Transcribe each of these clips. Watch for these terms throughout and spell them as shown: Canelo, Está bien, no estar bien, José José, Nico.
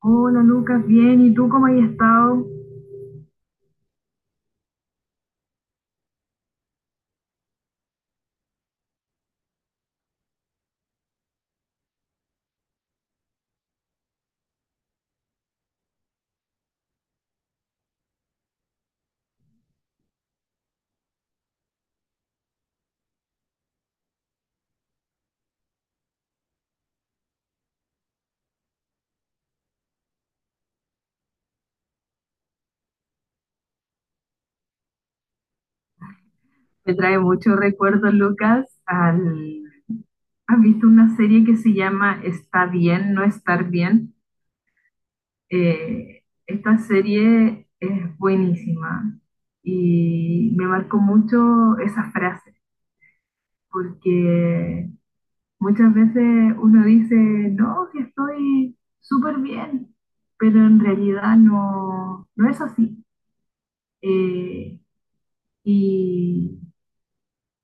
Hola Lucas, bien, ¿y tú cómo has estado? Me trae muchos recuerdos, Lucas, al... ¿Has visto una serie que se llama Está bien, no estar bien? Esta serie es buenísima y me marcó mucho esa frase, porque muchas veces uno dice, no, que estoy súper bien, pero en realidad no, no es así. Eh, y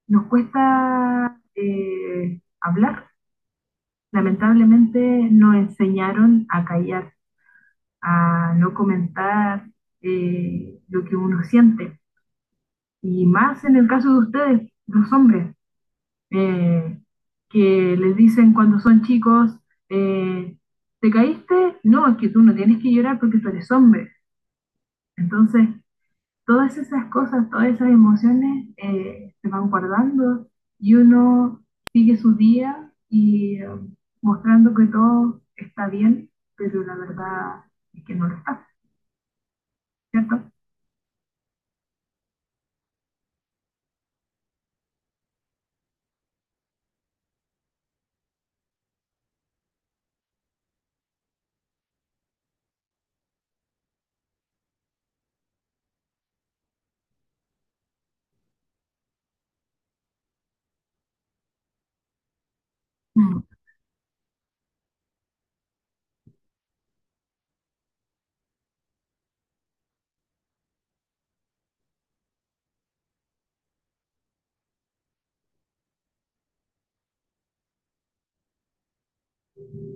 nos cuesta hablar. Lamentablemente nos enseñaron a callar, a no comentar, lo que uno siente. Y más en el caso de ustedes, los hombres, eh, que les dicen cuando son chicos, eh, ¿te caíste? No, es que tú no tienes que llorar porque tú eres hombre. Entonces, todas esas cosas, todas esas emociones se van guardando y uno sigue su día y, mostrando que todo está bien, pero la verdad es que no lo está, ¿cierto? Mm.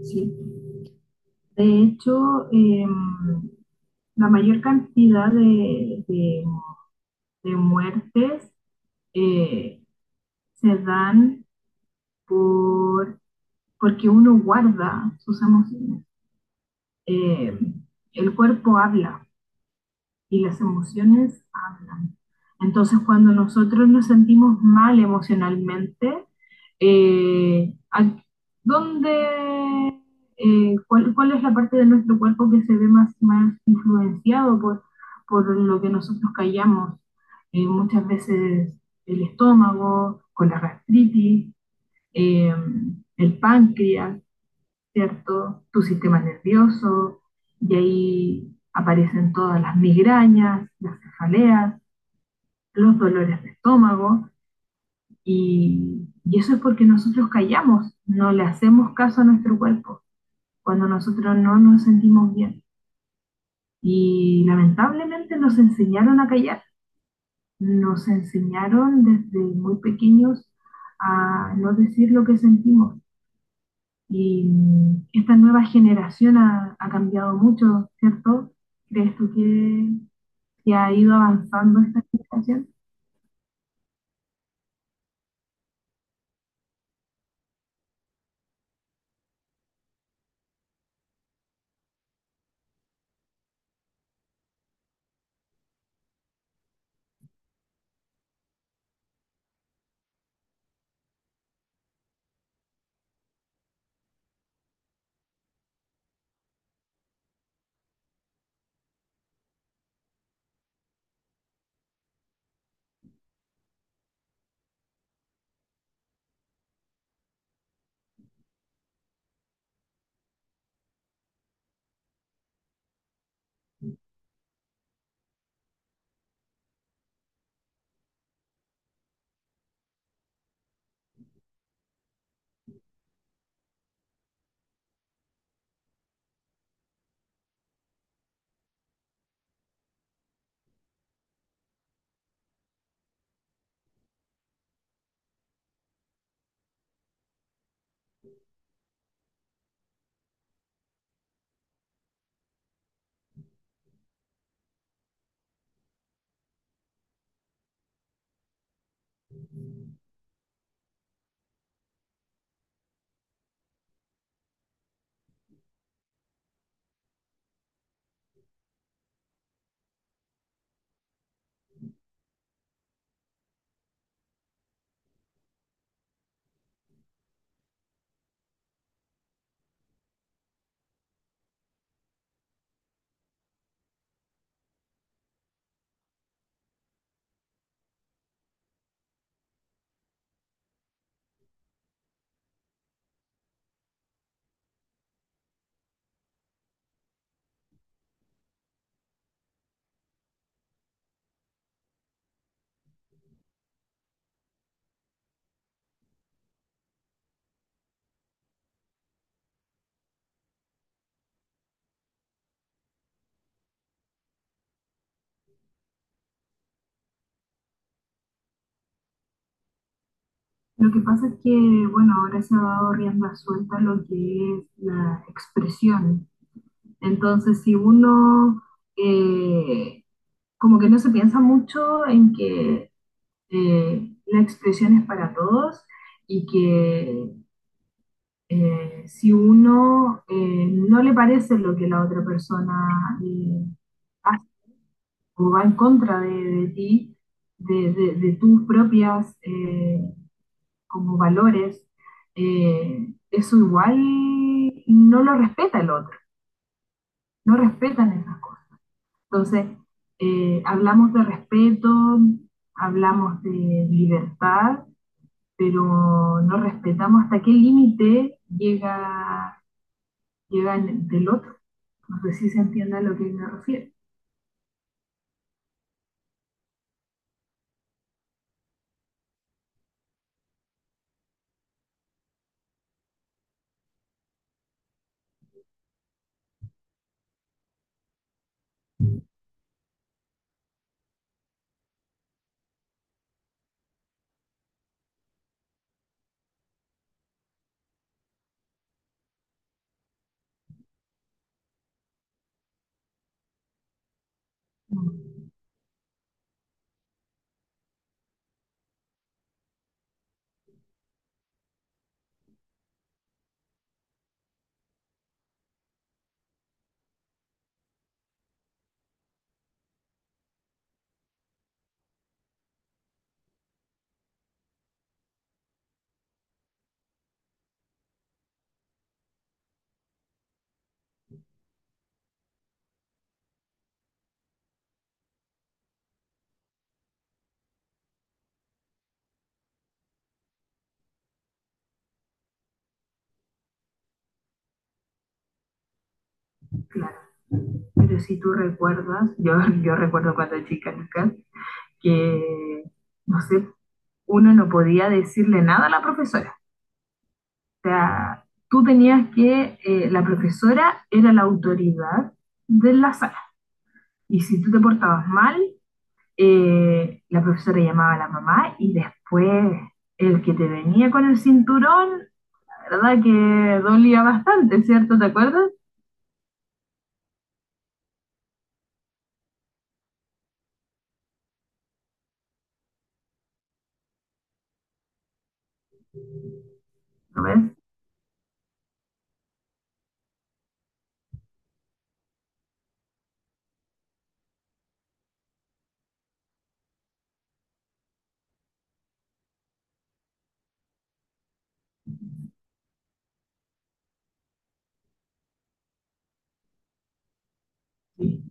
Sí. De hecho, la mayor cantidad de de muertes eh, se dan por, porque uno guarda sus emociones. Eh, el cuerpo habla y las emociones hablan. Entonces, cuando nosotros nos sentimos mal emocionalmente, eh, ¿dónde, cuál, cuál, es la parte de nuestro cuerpo que se ve más, más influenciado por lo que nosotros callamos? Muchas veces el estómago, con la gastritis, eh, el páncreas, ¿cierto? Tu sistema nervioso, y ahí aparecen todas las migrañas, las cefaleas, los dolores de estómago, y eso es porque nosotros callamos, no le hacemos caso a nuestro cuerpo cuando nosotros no nos sentimos bien. Y lamentablemente nos enseñaron a callar, nos enseñaron desde muy pequeños a no decir lo que sentimos. Y mm, esta nueva generación ha, ha cambiado mucho, ¿cierto? ¿Crees tú que ha ido avanzando esta generación? Lo que pasa es que, bueno, ahora se ha dado rienda suelta a lo que es la expresión. Entonces, si uno, eh, como que no se piensa mucho en que, la expresión es para todos y que, si uno, no le parece lo que la otra persona hace o va en contra de ti, de de tus propias, como valores, eso igual no lo respeta el otro, no respetan esas cosas. Entonces, hablamos de respeto, hablamos de libertad, pero no respetamos hasta qué límite llega, llega en- del otro. No sé si se entiende a lo que me refiero. Mm. Claro, pero si tú recuerdas, yo recuerdo cuando chica, Lucas, que, no sé, uno no podía decirle nada a la profesora. O sea, tú tenías que, la profesora era la autoridad de la sala. Y si tú te portabas mal, la profesora llamaba a la mamá y después el que te venía con el cinturón, la verdad que dolía bastante, ¿cierto? ¿Te acuerdas? ¿Lo ves? Sí.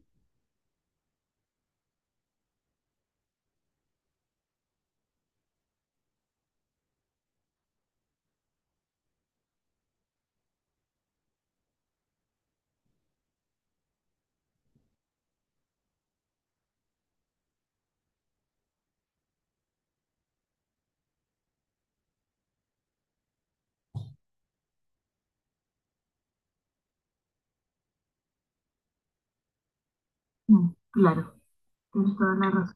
Mm. Claro, tienes toda la razón.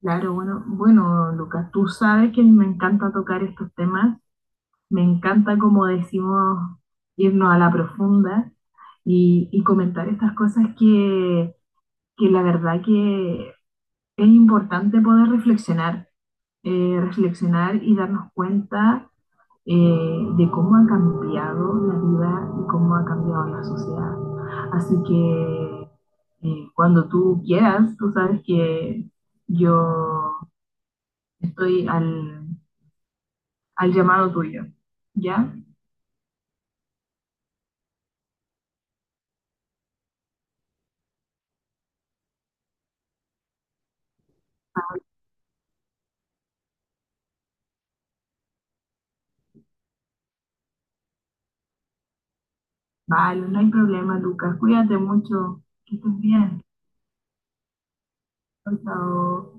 Claro, bueno, bueno, Lucas, tú sabes que me encanta tocar estos temas. Me encanta, como decimos, irnos a la profunda y comentar estas cosas que la verdad que es importante poder reflexionar, reflexionar y darnos cuenta, de cómo ha cambiado la vida y cómo ha cambiado la sociedad. Así que, cuando tú quieras, tú sabes que yo estoy al, al llamado tuyo, ¿ya? Vale, no hay problema, Lucas. Cuídate mucho. Que estés bien. Por favor.